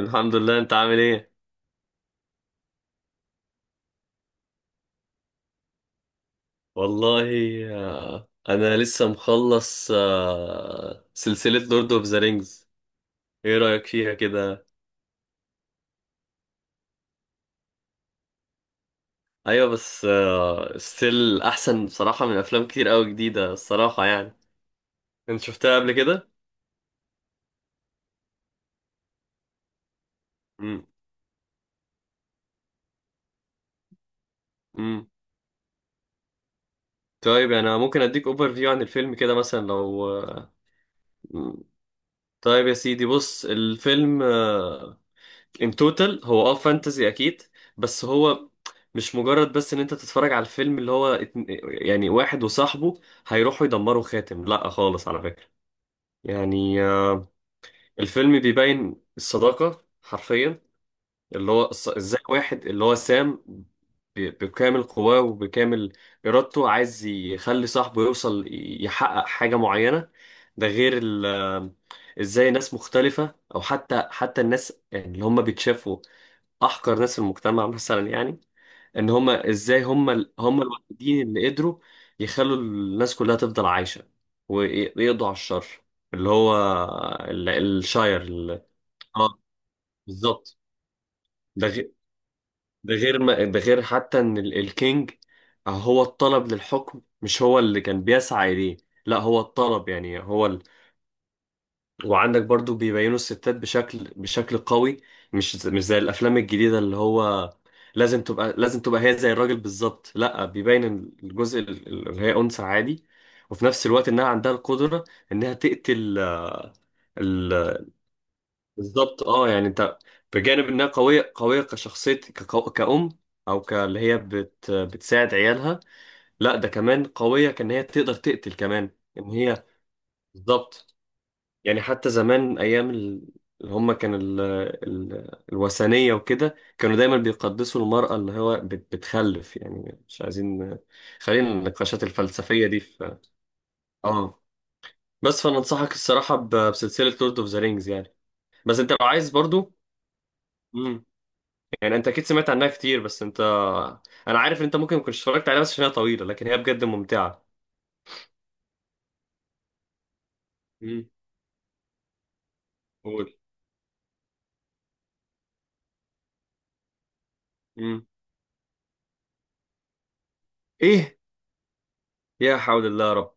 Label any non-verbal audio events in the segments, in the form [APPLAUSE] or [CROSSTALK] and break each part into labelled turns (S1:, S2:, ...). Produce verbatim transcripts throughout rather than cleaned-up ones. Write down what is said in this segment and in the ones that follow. S1: الحمد لله. انت عامل ايه؟ والله، آه، انا لسه مخلص آه، سلسلة لورد اوف ذا رينجز. ايه رأيك فيها كده؟ ايوه بس ستيل احسن بصراحة من افلام كتير قوي جديدة الصراحة يعني. انت شفتها قبل كده؟ امم امم طيب، يعني انا ممكن اديك اوفر فيو عن الفيلم كده، مثلا لو آه، مم. طيب يا سيدي، بص الفيلم آه، ان توتال هو اه فانتزي اكيد، بس هو مش مجرد بس ان انت تتفرج على الفيلم اللي هو اتن- يعني واحد وصاحبه هيروحوا يدمروا خاتم لا خالص على فكرة. يعني آه، الفيلم بيبين الصداقة حرفيا، اللي هو الص- ازاي واحد اللي هو سام ب- بكامل قواه وبكامل إرادته عايز يخلي صاحبه يوصل ي- يحقق حاجة معينة. ده غير ال- ازاي ناس مختلفة، او حتى حتى الناس يعني اللي هم بيتشافوا احقر ناس في المجتمع مثلا، يعني ان هم ازاي هم ال- هم الوحيدين اللي قدروا يخلوا الناس كلها تفضل عايشه وي- ويقضوا على الشر اللي هو ال- الشاير ال- اه، بالظبط. ده غير ده غير ما ده غير حتى ان ال- الكينج هو الطلب للحكم مش هو اللي كان بيسعى اليه، لا هو الطلب يعني هو. وعندك برضو بيبينوا الستات بشكل بشكل قوي، مش ز- مش زي الافلام الجديده اللي هو لازم تبقى لازم تبقى هي زي الراجل بالظبط. لا، بيبين الجزء ال- اللي هي انثى عادي، وفي نفس الوقت انها عندها القدره انها تقتل. ال- بالظبط، اه يعني انت، بجانب انها قويه قويه كشخصيه، كقو- كأم او ك- اللي هي بت بتساعد عيالها، لا ده كمان قويه كان، هي تقدر تقتل كمان. ان هي... بالظبط. يعني حتى زمان ايام ال- اللي هم كان ال... ال... الوثنيه وكده، كانوا دايما بيقدسوا المراه اللي هو بت... بتخلف يعني، مش عايزين... خلينا النقاشات الفلسفيه دي في... اه. بس فانا انصحك الصراحه ب... بسلسله لورد اوف ذا رينجز يعني. بس انت لو عايز برضو. امم يعني انت اكيد سمعت عنها كتير، بس انت، انا عارف ان انت ممكن ما كنتش اتفرجت عليها بس عشان هي طويله، لكن هي بجد ممتعه. امم قول. امم ايه؟ يا حول الله يا رب.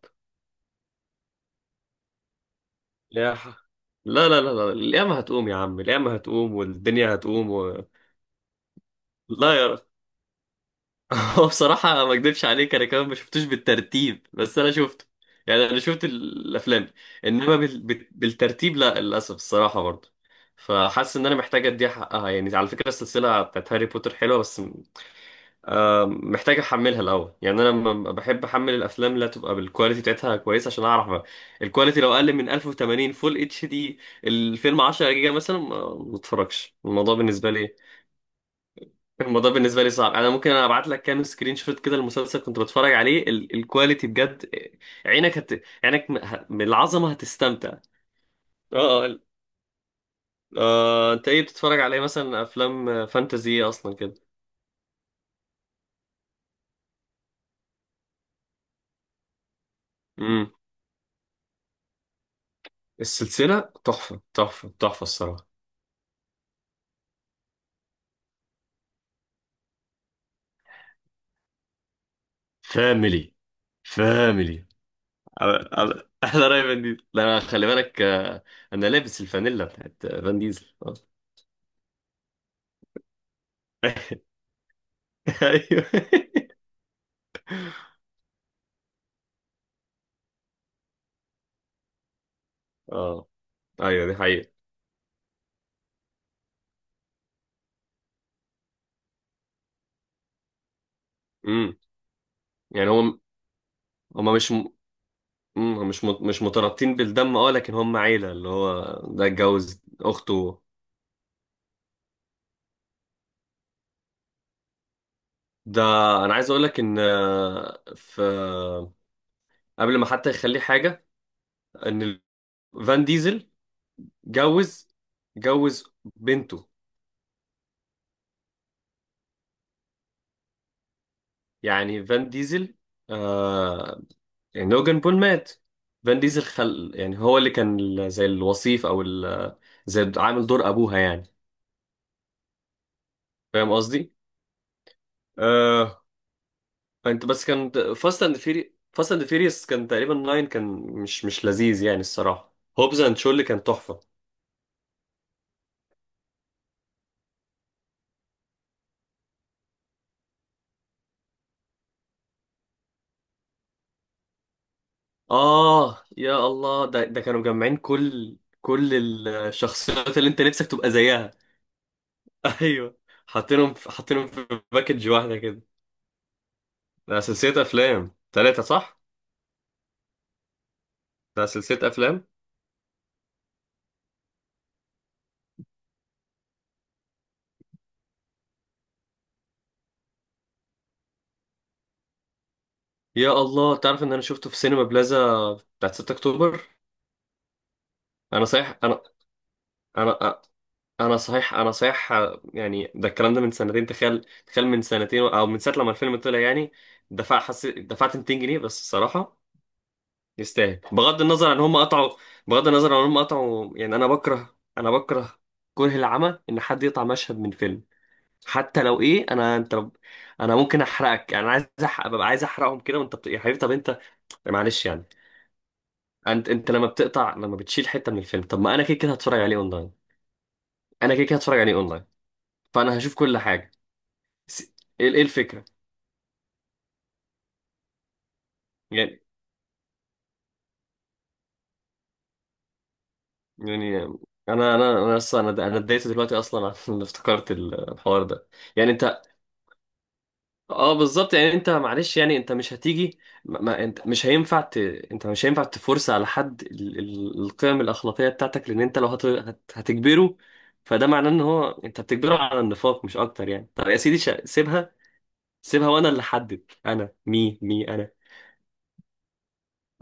S1: يا ح- لا لا لا لا، القيامة هتقوم يا عم، القيامة هتقوم والدنيا هتقوم و... لا يا رب. [LAUGHS] هو بصراحة ما اكدبش عليك، انا كمان ما شفتوش بالترتيب، بس انا شفته، يعني انا شفت ال- الافلام انما بال... بال- بالترتيب لا، للاسف الصراحة برضه. فحاسس ان انا محتاج اديها حقها، يعني على فكرة السلسلة بتاعت هاري بوتر حلوة، بس آه، محتاج احملها الاول. يعني انا لما بحب احمل الافلام اللي تبقى بالكواليتي بتاعتها كويسه عشان اعرف الكواليتي، لو اقل من ألف وثمانين فول اتش دي، الفيلم عشرة جيجا مثلا، ما ما اتفرجش. الموضوع بالنسبه لي، الموضوع بالنسبه لي صعب. انا ممكن انا ابعت لك كام سكرين شوت كده، المسلسل كنت بتفرج عليه ال- الكواليتي بجد، عينك هت... عينك م- ه- من العظمه هتستمتع. اه اه. آه، انت ايه بتتفرج عليه مثلا؟ افلام فانتازي اصلا كده؟ امم السلسله تحفه تحفه تحفه الصراحه. فاميلي، فاميلي. على- على- احلى راي فان ديزل، لا أنا خلي بالك، آه، انا لابس الفانيلا بتاعت آه، فان ديزل. آه. [LAUGHS] ايوه اه. ايوه دي حقيقة. امم يعني هم، هم مش م... مم، هم مش مت... مش مترابطين بالدم اه، لكن هم عيلة، اللي هو ده اتجوز اخته. ده، انا عايز اقول لك ان آه، في، قبل ما حتى يخليه حاجة، ان فان ديزل جوز جوز بنته. يعني فان ديزل آه يعني لوجان بول مات، فان ديزل خل، يعني هو اللي كان ال- زي الوصيف او ال... زي عامل دور ابوها يعني. فاهم قصدي؟ آه انت بس كان فاست اند فيري فاست اند فيريس كان تقريبا ناين، كان مش مش لذيذ يعني الصراحه، هوبز اند شو اللي كان تحفه. اه يا الله، ده ده كانوا مجمعين كل كل الشخصيات اللي انت نفسك تبقى زيها. [LAUGHS] ايوه، حاطينهم في- حاطينهم في باكج واحده كده. ده سلسلة أفلام تلاتة صح؟ ده سلسلة أفلام. يا الله، تعرف إن أنا شفته في سينما بلازا بتاعت ستة أكتوبر؟ أنا صحيح أنا أنا أنا صحيح أنا صحيح، يعني ده الكلام ده من سنتين، تخيل، تخيل من سنتين أو من ساعة لما الفيلم طلع يعني. دفع حسيت دفعت مئتين جنيه بس الصراحة، يستاهل. بغض النظر عن هم قطعوا، بغض النظر عن هم قطعوا يعني أنا بكره أنا بكره كره العمى إن حد يقطع مشهد من فيلم. حتى لو ايه انا، انت لو- انا ممكن احرقك يعني، انا عايز أحرق، ببقى عايز احرقهم كده، وانت بت... يا حبيبي، طب انت، معلش يعني، انت انت لما بتقطع، لما بتشيل حته من الفيلم، طب ما انا كده كده هتفرج عليه اونلاين. انا كده كده هتفرج عليه اونلاين، فانا هشوف كل حاجه. س- ايه ايه الفكره؟ يعني، يعني انا انا انا اصلا، انا انا اتضايقت دلوقتي اصلا [LAUGHS] عشان افتكرت الحوار ده. يعني انت اه بالظبط، يعني انت معلش يعني، انت مش هتيجي، ما ما- انت مش هينفع ت... انت مش هينفع تفرس على حد ال... ال- القيم الاخلاقيه بتاعتك، لان انت لو هت... هت... هتجبره، فده معناه ان هو انت بتجبره على النفاق مش اكتر يعني. طب يا سيدي ش... سيبها، سيبها وانا اللي احدد انا، مي مي انا.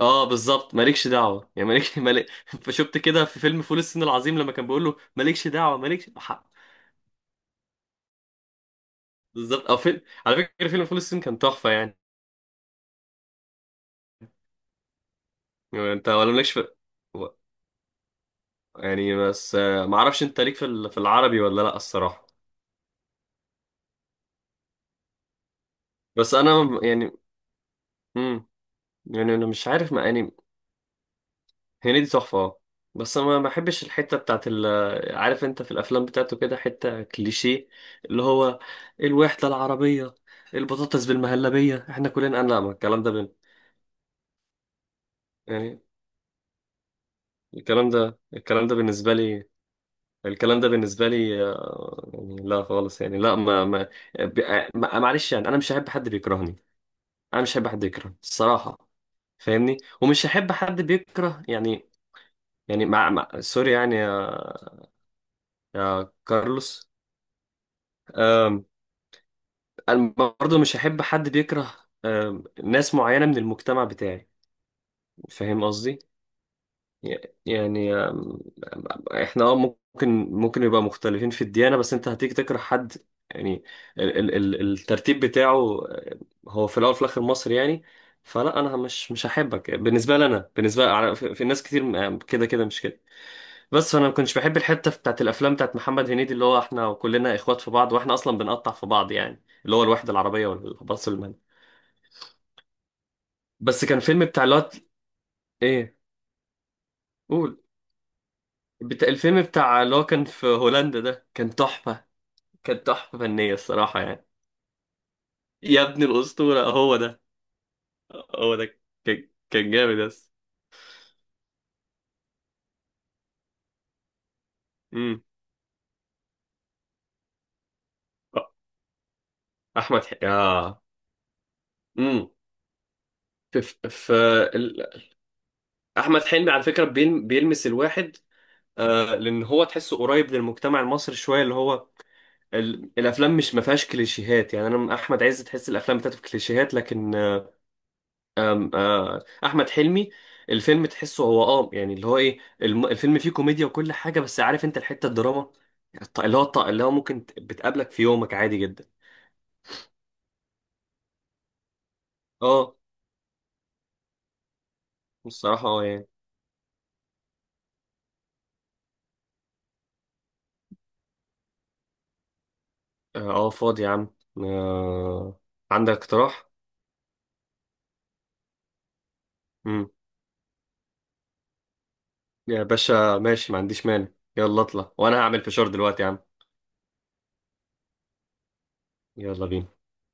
S1: اه بالظبط، مالكش دعوه يعني، مالك مالك. [LAUGHS] فشفت كده في فيلم فول الصين العظيم لما كان بيقول له مالكش دعوه مالكش حق. بالظبط. او فيلم، على فكره فيلم فول الصين كان تحفه يعني. يعني انت ولا مالكش في... يعني بس آه، ما اعرفش انت ليك في ال- في العربي ولا لا الصراحه. بس انا م- يعني، امم يعني انا مش عارف ما يعني. هنيدي تحفه اه، بس انا ما ما بحبش الحته بتاعت ال... عارف، انت في الافلام بتاعته كده حته كليشيه، اللي هو الوحده العربيه، البطاطس بالمهلبيه، احنا كلنا، انا لا، ما الكلام ده بن... يعني، الكلام ده الكلام ده بالنسبه لي، الكلام ده بالنسبه لي آه، يعني لا خالص، يعني لا ما ما ب- آه، ما- معلش يعني، انا مش هحب حد بيكرهني. انا مش هحب حد يكرهني الصراحه، فاهمني؟ ومش هحب حد بيكره يعني، يعني مع، مع سوري يعني يا، يا كارلوس. أم، انا برضه مش هحب حد بيكره أم، ناس معينة من المجتمع بتاعي. فاهم قصدي؟ ي- يعني أم، احنا اه ممكن ممكن يبقى مختلفين في الديانة، بس انت هتيجي تكره حد يعني؟ ال ال ال الترتيب بتاعه أه، هو في الاول وفي الاخر مصري يعني. فلا، انا مش مش هحبك، بالنسبة لي انا، بالنسبة على- في، في ناس كتير أم، كده كده مش كده. بس انا ما كنتش بحب الحته بتاعت الافلام بتاعت محمد هنيدي، اللي هو احنا كلنا اخوات في بعض واحنا اصلا بنقطع في بعض، يعني اللي هو الوحده العربيه والباص المال. بس كان فيلم بتاع اللي هو ايه، قول، بتاع الفيلم بتاع اللي هو كان في هولندا ده، كان تحفه، كان تحفه فنيه الصراحه يعني. يا ابن الاسطوره، هو ده. هو ده كان كان جامد بس. امم احمد حلمي اه. امم في، في في ال- احمد حلمي على فكره بيلم- بيلمس الواحد. آه، لان هو تحسه قريب للمجتمع المصري شويه، اللي هو ال... الافلام مش ما فيهاش كليشيهات يعني، انا من احمد عز تحس الافلام بتاعته في كليشيهات، لكن آه، آم، آه، احمد حلمي الفيلم تحسه هو اه، يعني اللي هو ايه الم... الفيلم فيه كوميديا وكل حاجه، بس عارف، انت الحته الدراما الط- اللي هو الط- اللي هو ممكن ت- بتقابلك في يومك عادي جدا. اه الصراحه اه يعني، اه آه، فاضي يا عم. آه، عندك اقتراح. مم. يا باشا ماشي، ما عنديش مانع. يلا اطلع، وانا هعمل فشار دلوقتي يا عم. يلا بينا.